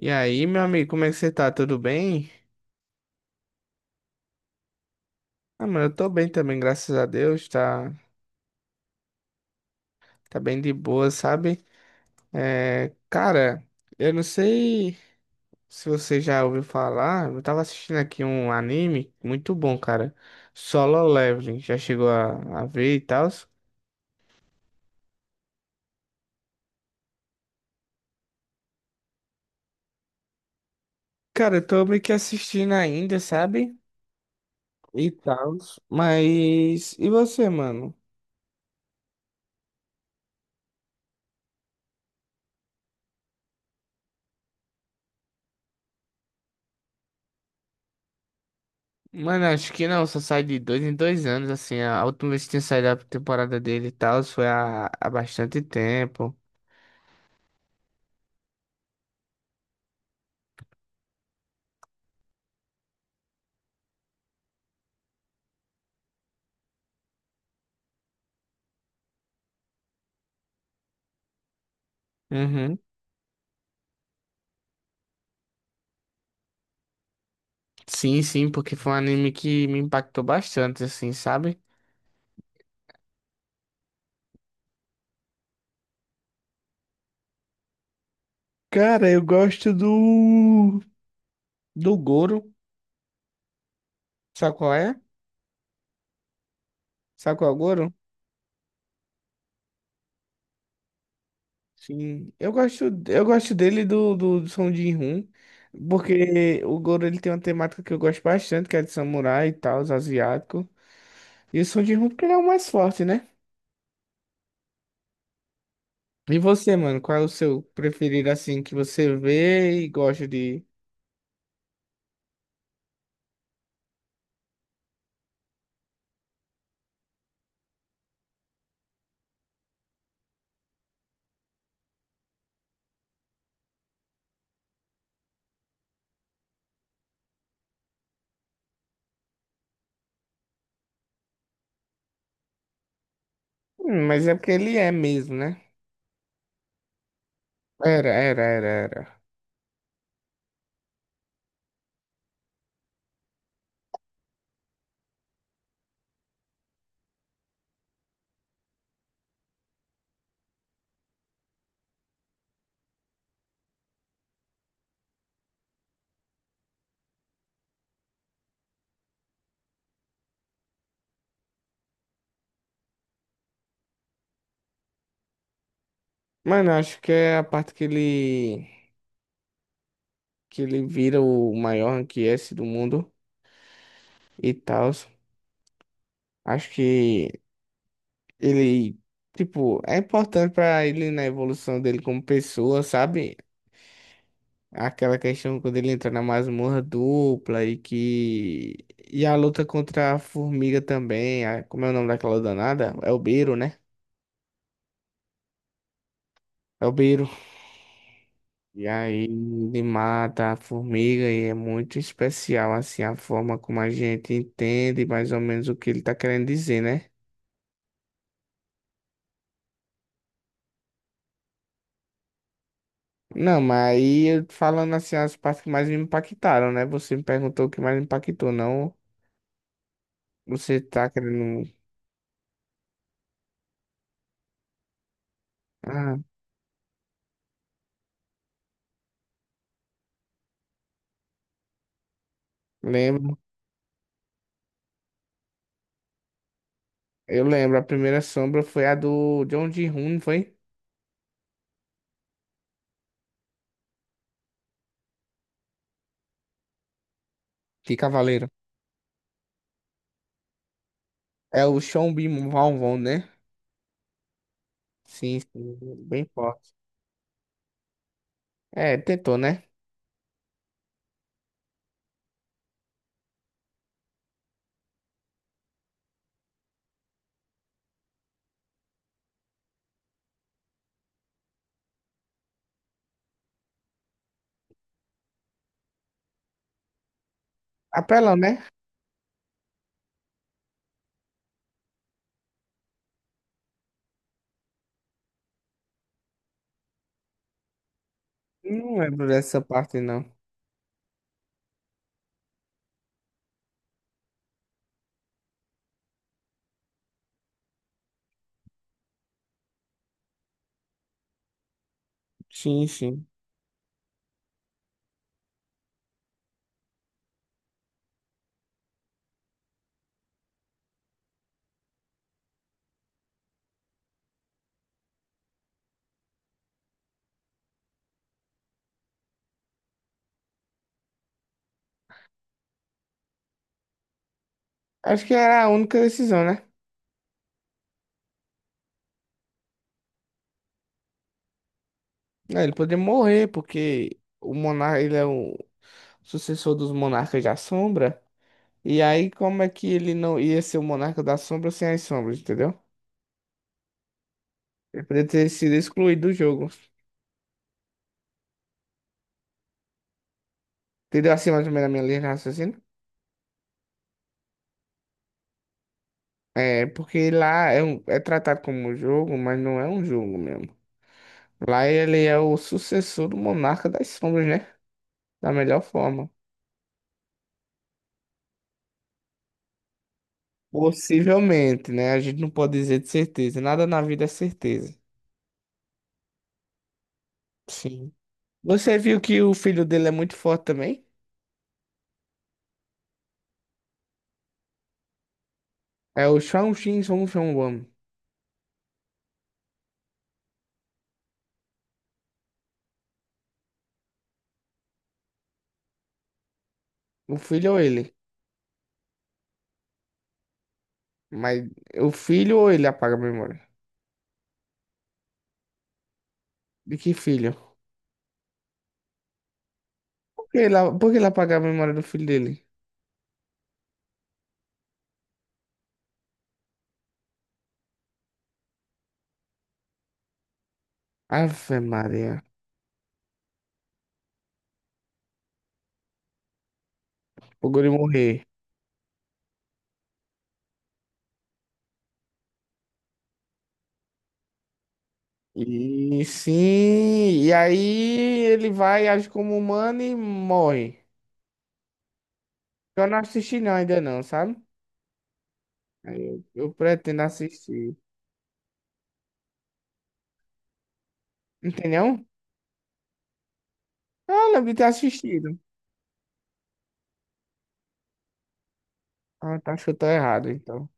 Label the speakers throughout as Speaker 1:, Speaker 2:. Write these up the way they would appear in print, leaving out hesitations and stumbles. Speaker 1: E aí, meu amigo, como é que você tá? Tudo bem? Ah, mano, eu tô bem também, graças a Deus. Tá, tá bem de boa, sabe? É, cara, eu não sei se você já ouviu falar. Eu tava assistindo aqui um anime muito bom, cara. Solo Leveling. Já chegou a ver e tal? Cara, eu tô meio que assistindo ainda, sabe? E tal. Mas. E você, mano? Mano, acho que não, só sai de dois em dois anos, assim. A última vez que tinha saído a temporada dele e tal foi há bastante tempo. Uhum. Sim, sim, porque foi um anime que me impactou bastante, assim, sabe? Cara, eu gosto do. Do Goro. Sabe qual é? Sabe qual é o Goro? Sim. Eu gosto dele e do Song Jin-hoon. Porque o Goro ele tem uma temática que eu gosto bastante, que é de samurai e tal, os asiático. E o Song Jin-hoon porque ele é o mais forte, né? E você, mano, qual é o seu preferido assim que você vê e gosta de. Mas é porque ele é mesmo, né? Era, era, era, era. Mano, acho que é a parte que ele. Que ele vira o maior anquiesse do mundo e tal. Acho que ele. Tipo, é importante pra ele na evolução dele como pessoa, sabe? Aquela questão quando ele entra na masmorra dupla e que. E a luta contra a formiga também. Como é o nome daquela danada? É o Beiro, né? É o Beiro. E aí ele mata a formiga e é muito especial, assim, a forma como a gente entende mais ou menos o que ele tá querendo dizer, né? Não, mas aí falando assim, as partes que mais me impactaram, né? Você me perguntou o que mais me impactou, não? Você tá querendo. Ah, lembro. Eu lembro, a primeira sombra foi a do John Ji-hoon, não foi? De Cavaleiro. É o Sean Bin Van, né? Sim, sim, bem forte. É, tentou, né? Apelão, né? Não lembro dessa parte, não. Sim, sim. Acho que era a única decisão, né? É, ele poderia morrer, porque o monarca, ele é o sucessor dos monarcas da sombra. E aí, como é que ele não ia ser o monarca da sombra sem as sombras, entendeu? Ele poderia ter sido excluído do jogo. Entendeu assim mais ou menos a minha linha de raciocínio? É, porque lá é, é tratado como um jogo, mas não é um jogo mesmo. Lá ele é o sucessor do Monarca das Sombras, né? Da melhor forma. Possivelmente, né? A gente não pode dizer de certeza. Nada na vida é certeza. Sim. Você viu que o filho dele é muito forte também? É o Shang Xin Song Shang Wan. O filho ou ele? Mas o filho ou ele apaga a memória? De que filho? Por que ele apaga a memória do filho dele? Ave Maria. O guri morrer. E sim, e aí ele vai, age como humano e morre. Eu não assisti não, ainda não, sabe? Aí eu pretendo assistir. Entendeu? Ah, lembro de ter assistido. Ah, tá, chutou errado, então.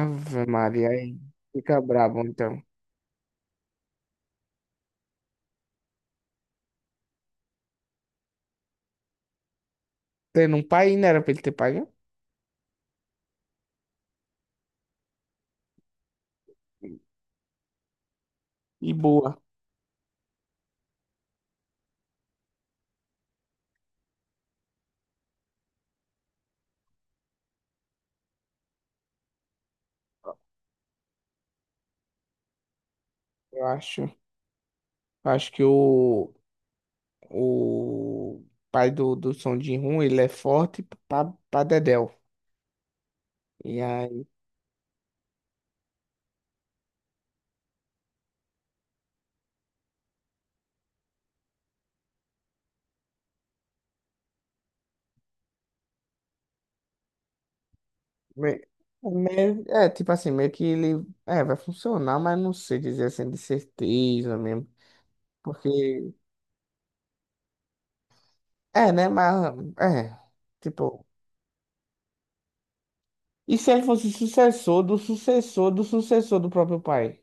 Speaker 1: Ave Maria, aí fica brabo, então. Tendo um pai, não era pra ele ter pai, né? E boa, eu acho. Eu acho que o pai do, do Son jin ele é forte pra, pra dedéu. E aí Me- meio, é, tipo assim, meio que ele é, vai funcionar, mas não sei dizer assim de certeza mesmo. Porque, é, né? Mas, é, tipo, e se ele fosse sucessor do sucessor do sucessor do próprio pai?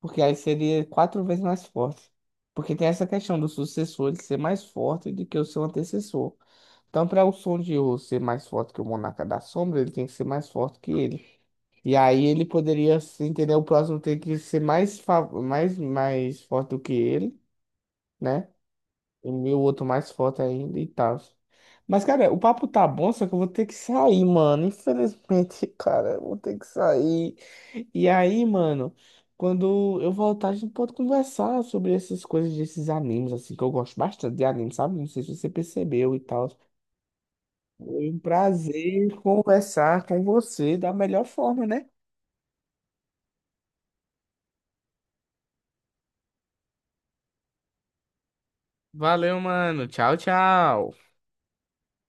Speaker 1: Porque aí seria quatro vezes mais forte. Porque tem essa questão do sucessor ele ser mais forte do que o seu antecessor. Então, para o Son de Ryu ser mais forte que o Monarca da Sombra, ele tem que ser mais forte que ele. E aí ele poderia, se entender, o próximo ter que ser mais, mais, mais forte do que ele, né? E o outro mais forte ainda e tal. Mas, cara, o papo tá bom, só que eu vou ter que sair, mano. Infelizmente, cara, eu vou ter que sair. E aí, mano, quando eu voltar, a gente pode conversar sobre essas coisas desses animes, assim, que eu gosto bastante de anime, sabe? Não sei se você percebeu e tal. Foi um prazer conversar com você da melhor forma, né? Valeu, mano. Tchau, tchau.